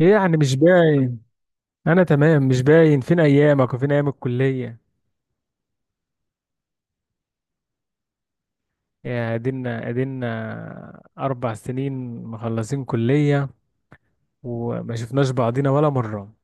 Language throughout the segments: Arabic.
ايه يعني مش باين. انا تمام، مش باين فين ايامك وفين ايام الكليه. يا ادينا 4 سنين مخلصين كليه وما شفناش بعضينا ولا مره.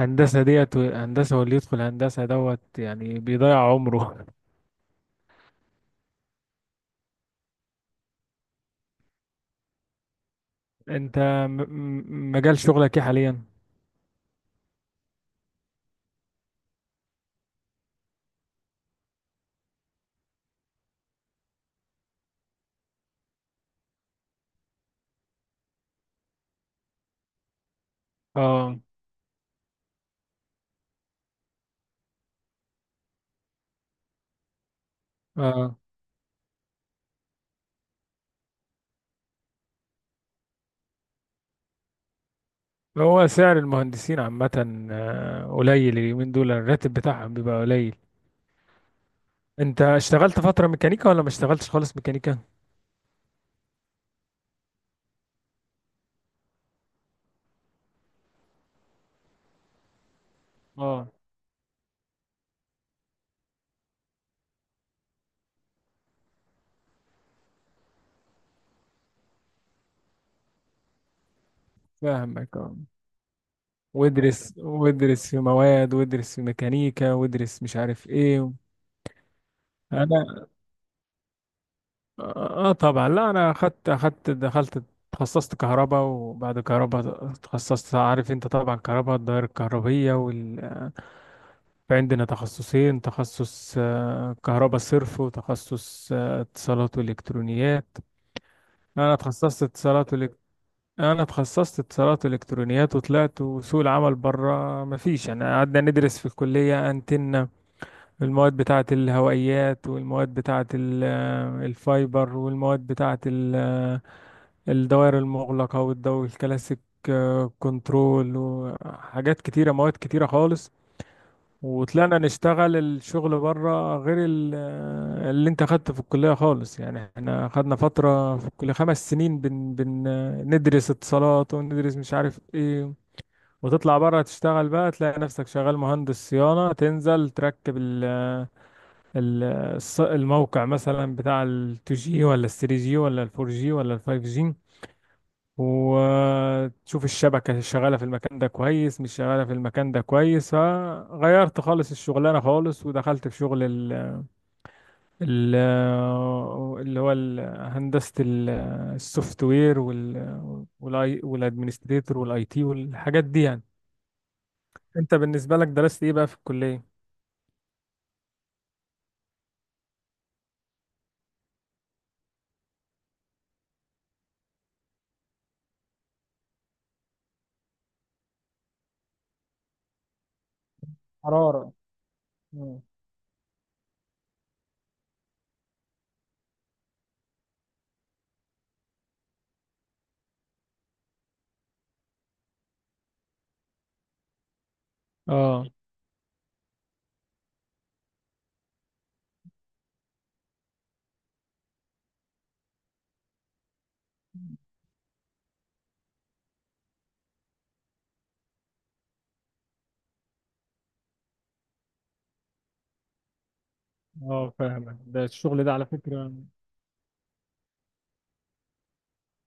هندسه ديت، هندسه واللي يدخل هندسه دوت يعني بيضيع عمره. انت مجال شغلك ايه حاليا؟ اه. اه. هو سعر المهندسين عامه قليل، اليومين دول الراتب بتاعهم بيبقى قليل. انت اشتغلت فتره ميكانيكا ولا ما اشتغلتش خالص ميكانيكا؟ اه، فاهمك. اه. وادرس في مواد وادرس في ميكانيكا وادرس مش عارف ايه. انا، اه طبعا. لا، انا اخدت دخلت. تخصصت كهرباء وبعد كهرباء تخصصت، عارف انت طبعا كهرباء الدوائر الكهربية وال... في عندنا تخصصين: تخصص كهرباء صرف، وتخصص اتصالات والكترونيات. انا تخصصت اتصالات والك... انا تخصصت اتصالات والكترونيات وطلعت، وسوق العمل بره مفيش يعني. قعدنا ندرس في الكلية انتن المواد بتاعة الهوائيات، والمواد بتاعة ال- الفايبر، والمواد بتاعة ال- الدوائر المغلقة والدو الكلاسيك، كنترول، وحاجات كتيرة مواد كتيرة خالص. وطلعنا نشتغل الشغل بره غير ال- اللي انت خدته في الكلية خالص. يعني احنا خدنا فترة في الكلية 5 سنين بن بن آه، ندرس اتصالات وندرس مش عارف ايه، وتطلع بره تشتغل بقى تلاقي نفسك شغال مهندس صيانة تنزل تركب ال الموقع مثلا بتاع ال 2G ولا ال 3G ولا ال 4G ولا ال 5G، وتشوف الشبكة شغالة في المكان ده كويس، مش شغالة في المكان ده كويس. فغيرت خالص الشغلانة خالص ودخلت في شغل ال ال اللي هو ال- هندسة ال- السوفت وير وال والاي والادمنستريتور والاي تي والحاجات دي يعني. انت بالنسبة لك درست ايه بقى في الكلية؟ حرارة. مم. اه. اه، فاهمك، ده الشغل ده على فكرة.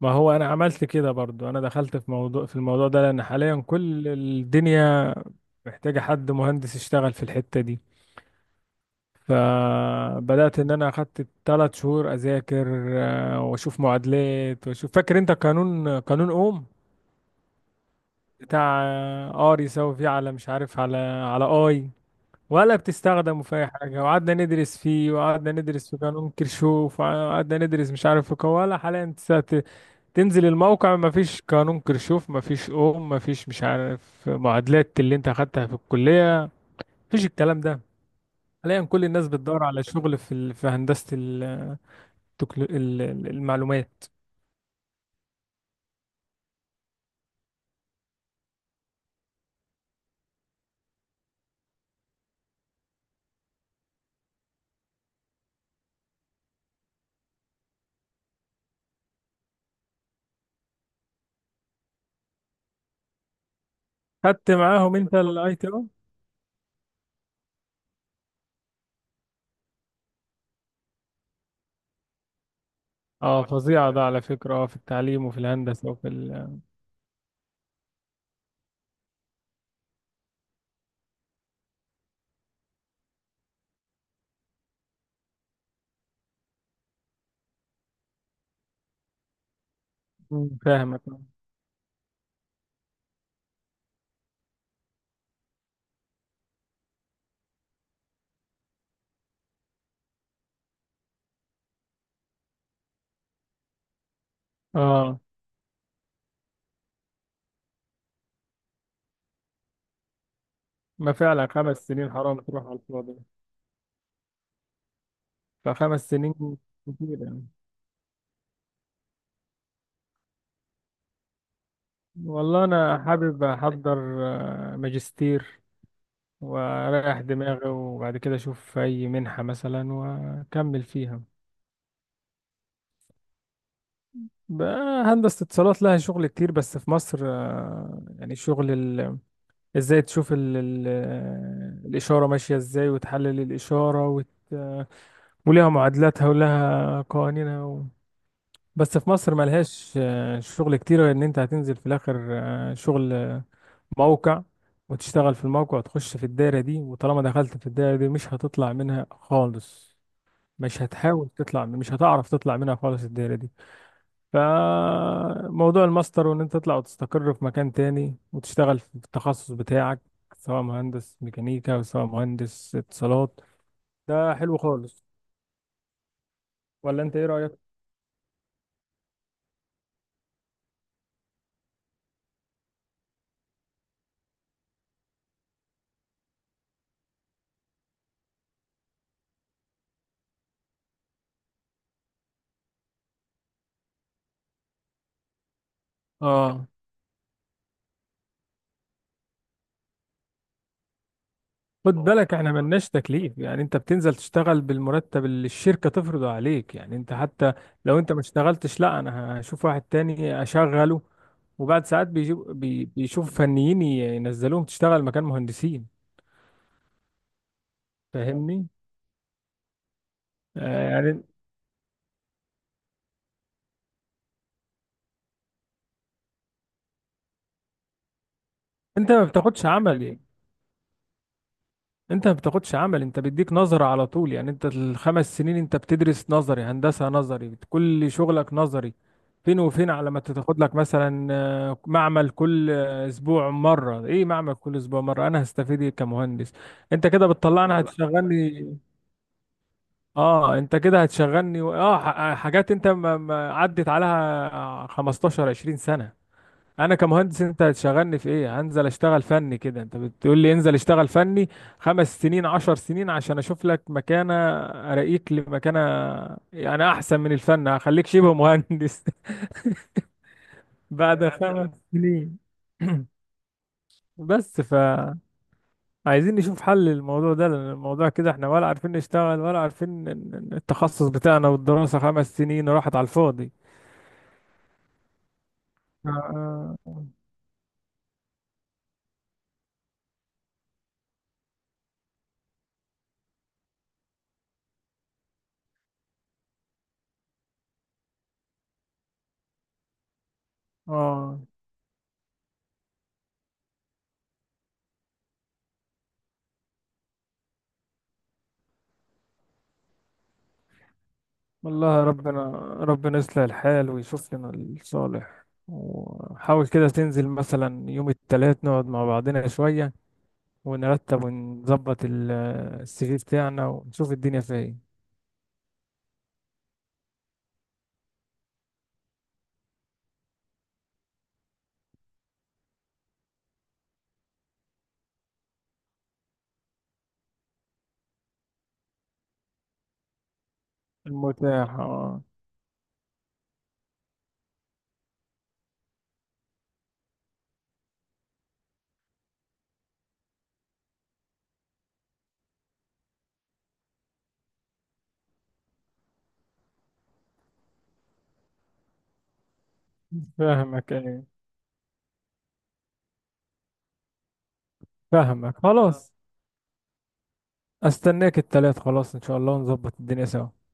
ما هو انا عملت كده برضو، انا دخلت في الموضوع ده لان حاليا كل الدنيا محتاجة حد مهندس يشتغل في الحتة دي. فبدأت ان انا اخدت 3 شهور اذاكر، واشوف معادلات واشوف. فاكر انت قانون اوم، بتاع ار يساوي في على مش عارف على اي، ولا بتستخدمه في اي حاجة؟ وقعدنا ندرس فيه، وقعدنا ندرس في قانون كيرشوف، وقعدنا ندرس مش عارف في قوة ولا حاليا. تنزل الموقع مفيش قانون كرشوف، مفيش اوم، مفيش مش عارف معادلات اللي انت اخدتها في الكلية. مفيش الكلام ده. حاليا كل الناس بتدور على شغل في ال... في هندسة ال... المعلومات. خدت معاهم انت الاي تي او؟ اه، فظيعة ده على فكرة، اه، في التعليم وفي الهندسة وفي ال... مم، فاهمك. اه، ما فعلا 5 سنين حرام تروح على الفاضي. فخمس سنين كتير يعني. والله انا حابب احضر ماجستير وأريح دماغي، وبعد كده أشوف أي منحة مثلا وأكمل فيها. بقى هندسة اتصالات لها شغل كتير، بس في مصر يعني شغل ال... ازاي تشوف ال... ال... الإشارة ماشية ازاي وتحلل الإشارة وت... ولها معادلاتها ولها قوانينها و... بس في مصر ملهاش شغل كتير، غير ان انت هتنزل في الاخر شغل موقع وتشتغل في الموقع وتخش في الدايرة دي، وطالما دخلت في الدايرة دي مش هتطلع منها خالص. مش هتحاول تطلع، مش هتعرف تطلع منها خالص الدايرة دي. فموضوع الماستر، وان انت تطلع وتستقر في مكان تاني وتشتغل في التخصص بتاعك سواء مهندس ميكانيكا أو سواء مهندس اتصالات، ده حلو خالص. ولا انت ايه رأيك؟ اه، خد بالك احنا ملناش تكليف، يعني انت بتنزل تشتغل بالمرتب اللي الشركة تفرضه عليك. يعني انت حتى لو انت ما اشتغلتش، لا، انا هشوف واحد تاني اشغله. وبعد ساعات بيجيب بيشوف فنيين ينزلوهم تشتغل مكان مهندسين، فاهمني؟ يعني انت ما بتاخدش عملي، انت ما بتاخدش عمل، انت بيديك نظرة على طول. يعني انت الخمس سنين انت بتدرس نظري، هندسة نظري، كل شغلك نظري. فين وفين على ما تاخد لك مثلا معمل كل اسبوع مرة. ايه معمل كل اسبوع مرة؟ انا هستفيد ايه كمهندس؟ انت كده بتطلعني، لا لا، هتشغلني. اه، انت كده هتشغلني حاجات انت ما عدت عليها 15 20 سنة. انا كمهندس انت هتشغلني في ايه؟ هنزل اشتغل فني كده؟ انت بتقول لي انزل اشتغل فني 5 سنين 10 سنين عشان اشوف لك مكانة، اراقيك لمكانة. يعني احسن من الفن، هخليك شبه مهندس. بعد 5 سنين. بس عايزين نشوف حل للموضوع ده لان الموضوع كده احنا ولا عارفين نشتغل ولا عارفين التخصص بتاعنا، والدراسة 5 سنين راحت على الفاضي. آه. آه. والله ربنا. ربنا يصلح الحال ويشوف لنا الصالح. وحاول كده تنزل مثلا يوم التلات نقعد مع بعضنا شوية ونرتب ونظبط ال- السي في بتاعنا ونشوف الدنيا فيها ايه، المتاح. اه، فاهمك. ايه، فاهمك خلاص. استناك التلات، خلاص ان شاء الله ونظبط الدنيا سوا.